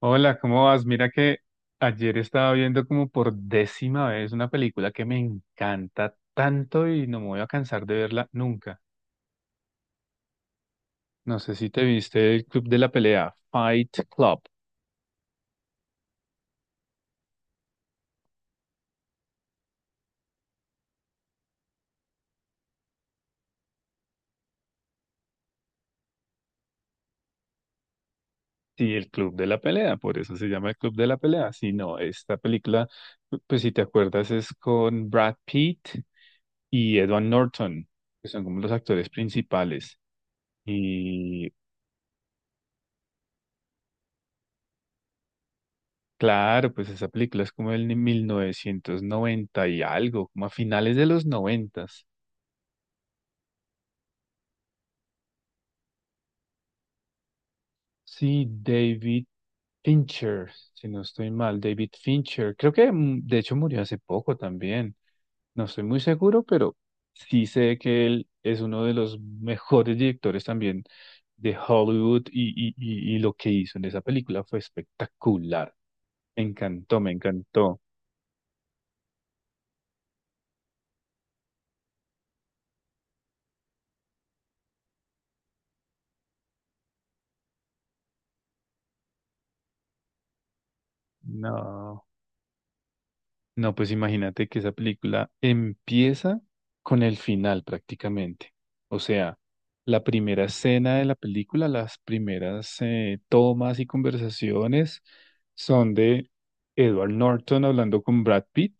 Hola, ¿cómo vas? Mira que ayer estaba viendo como por décima vez una película que me encanta tanto y no me voy a cansar de verla nunca. No sé si te viste el Club de la Pelea, Fight Club. Sí, el Club de la Pelea, por eso se llama el Club de la Pelea. Si no, esta película, pues si te acuerdas, es con Brad Pitt y Edward Norton, que son como los actores principales. Claro, pues esa película es como del 1990 y algo, como a finales de los noventas. Sí, David Fincher, si no estoy mal, David Fincher. Creo que de hecho murió hace poco también. No estoy muy seguro, pero sí sé que él es uno de los mejores directores también de Hollywood lo que hizo en esa película fue espectacular. Me encantó, me encantó. No. No, pues imagínate que esa película empieza con el final prácticamente. O sea, la primera escena de la película, las primeras tomas y conversaciones son de Edward Norton hablando con Brad Pitt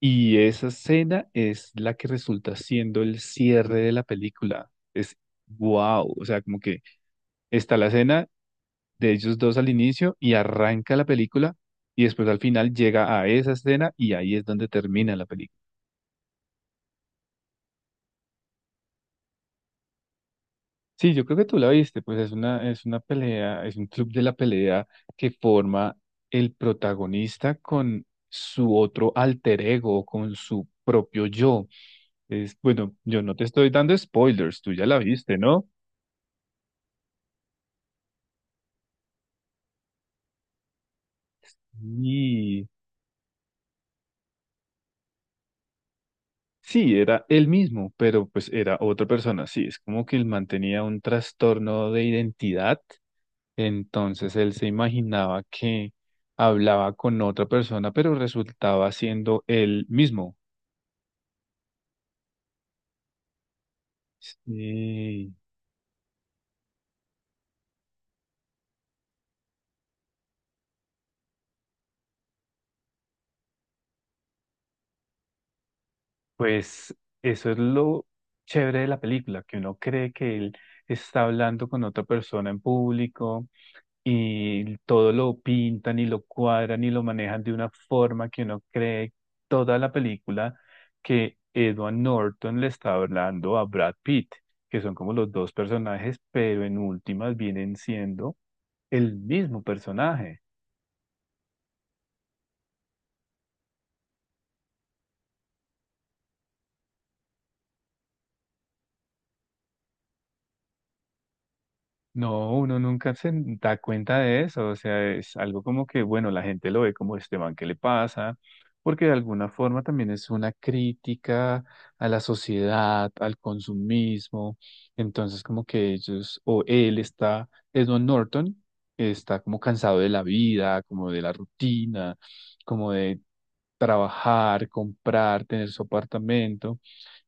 y esa escena es la que resulta siendo el cierre de la película. Es wow, o sea, como que está la escena de ellos dos al inicio y arranca la película y después al final llega a esa escena y ahí es donde termina la película. Sí, yo creo que tú la viste, pues es una pelea, es un club de la pelea que forma el protagonista con su otro alter ego, con su propio yo. Es, bueno, yo no te estoy dando spoilers, tú ya la viste, ¿no? Y sí, era él mismo, pero pues era otra persona. Sí, es como que él mantenía un trastorno de identidad. Entonces él se imaginaba que hablaba con otra persona, pero resultaba siendo él mismo. Sí, pues eso es lo chévere de la película, que uno cree que él está hablando con otra persona en público y todo lo pintan y lo cuadran y lo manejan de una forma que uno cree toda la película que Edward Norton le está hablando a Brad Pitt, que son como los dos personajes, pero en últimas vienen siendo el mismo personaje. No, uno nunca se da cuenta de eso, o sea, es algo como que, bueno, la gente lo ve como este man, ¿qué le pasa? Porque de alguna forma también es una crítica a la sociedad, al consumismo, entonces como que ellos, o él está, Edward Norton, está como cansado de la vida, como de la rutina, como de trabajar, comprar, tener su apartamento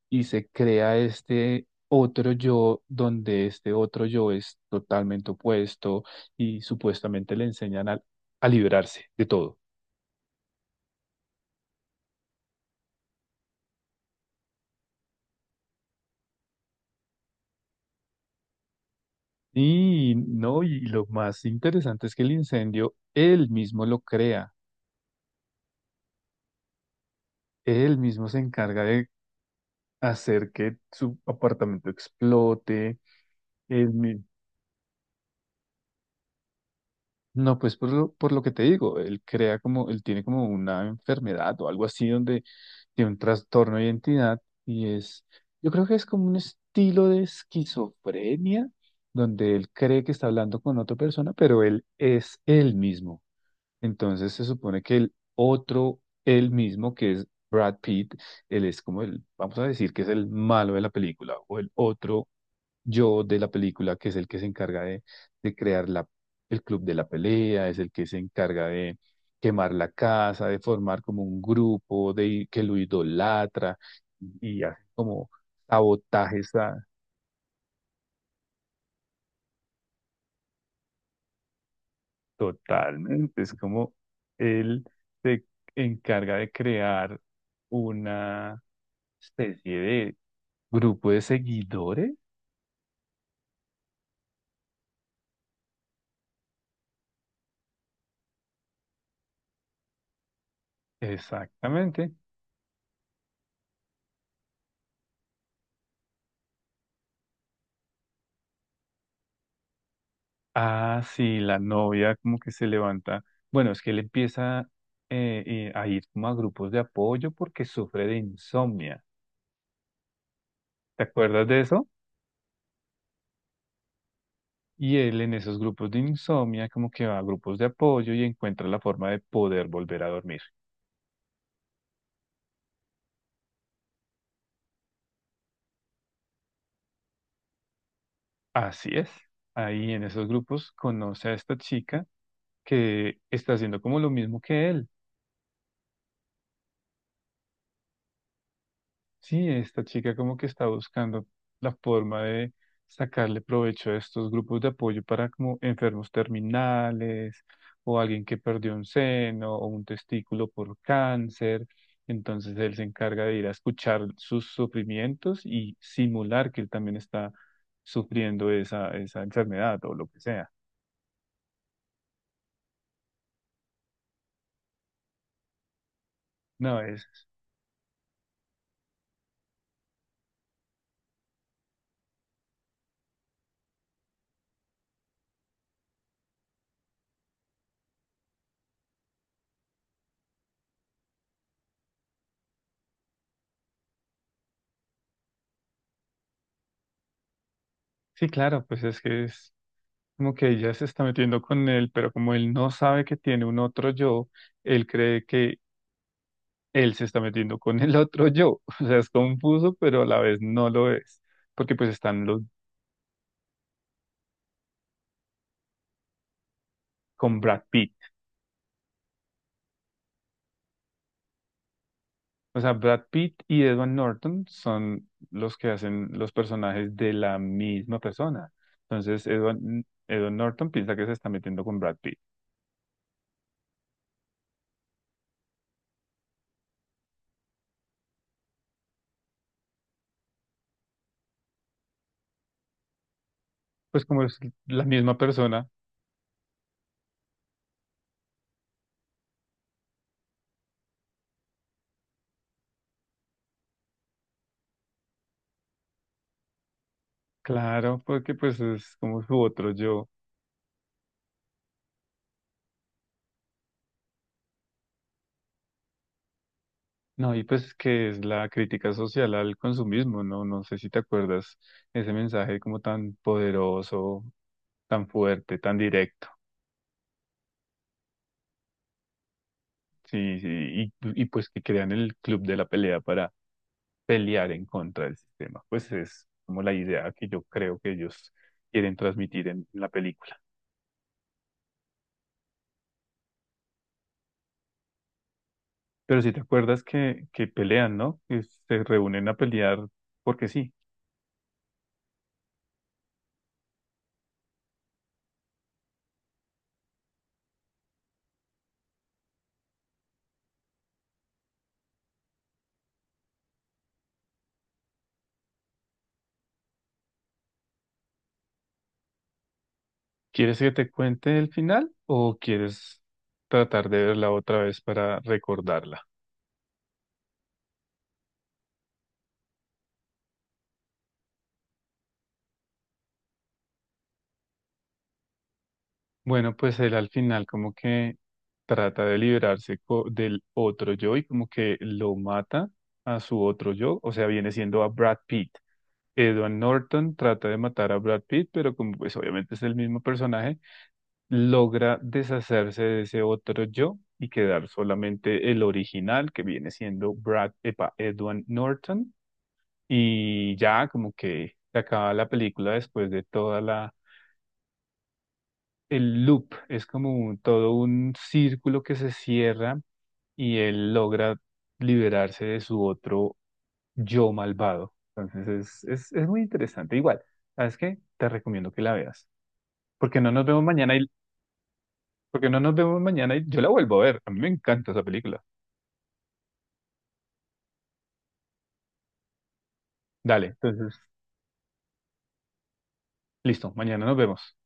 y se crea este otro yo donde este otro yo es totalmente opuesto y supuestamente le enseñan a, liberarse de todo. Y no, y lo más interesante es que el incendio él mismo lo crea, él mismo se encarga de hacer que su apartamento explote, él mi- No, pues por lo que te digo, él crea como, él tiene como una enfermedad o algo así donde tiene un trastorno de identidad y es, yo creo que es como un estilo de esquizofrenia donde él cree que está hablando con otra persona, pero él es él mismo. Entonces se supone que el otro él mismo, que es Brad Pitt, él es como el, vamos a decir que es el malo de la película o el otro yo de la película, que es el que se encarga de crear la, el club de la pelea, es el que se encarga de quemar la casa, de formar como un grupo, de que lo idolatra y hace como sabotajes a- totalmente. Es como él se encarga de crear una especie de grupo de seguidores, exactamente. Ah, sí, la novia como que se levanta. Bueno, es que él empieza a ir como a grupos de apoyo porque sufre de insomnia. ¿Te acuerdas de eso? Y él en esos grupos de insomnia como que va a grupos de apoyo y encuentra la forma de poder volver a dormir. Así es. Ahí en esos grupos conoce a esta chica que está haciendo como lo mismo que él. Sí, esta chica como que está buscando la forma de sacarle provecho a estos grupos de apoyo para como enfermos terminales o alguien que perdió un seno o un testículo por cáncer. Entonces él se encarga de ir a escuchar sus sufrimientos y simular que él también está sufriendo esa, enfermedad o lo que sea. No, es... Sí, claro, pues es que es como que ella se está metiendo con él, pero como él no sabe que tiene un otro yo, él cree que él se está metiendo con el otro yo. O sea, es confuso, pero a la vez no lo es, porque pues están los con Brad Pitt. O sea, Brad Pitt y Edward Norton son los que hacen los personajes de la misma persona. Entonces, Edward Norton piensa que se está metiendo con Brad Pitt. Pues como es la misma persona, claro, porque pues es como su otro yo. No, y pues que es la crítica social al consumismo, ¿no? No sé si te acuerdas ese mensaje como tan poderoso, tan fuerte, tan directo. Sí, sí, y pues que crean el club de la pelea para pelear en contra del sistema. Pues es como la idea que yo creo que ellos quieren transmitir en, la película. Pero si te acuerdas que pelean, ¿no? Que se reúnen a pelear porque sí. ¿Quieres que te cuente el final o quieres tratar de verla otra vez para recordarla? Bueno, pues él al final como que trata de liberarse del otro yo y como que lo mata a su otro yo, o sea, viene siendo a Brad Pitt. Edward Norton trata de matar a Brad Pitt, pero como pues obviamente es el mismo personaje, logra deshacerse de ese otro yo y quedar solamente el original que viene siendo Brad, epa, Edward Norton y ya como que se acaba la película después de toda la, el loop es como todo un círculo que se cierra y él logra liberarse de su otro yo malvado. Entonces es, es muy interesante. Igual, ¿sabes qué? Te recomiendo que la veas. Porque no nos vemos mañana y porque no nos vemos mañana y yo la vuelvo a ver. A mí me encanta esa película. Dale, entonces, listo, mañana nos vemos.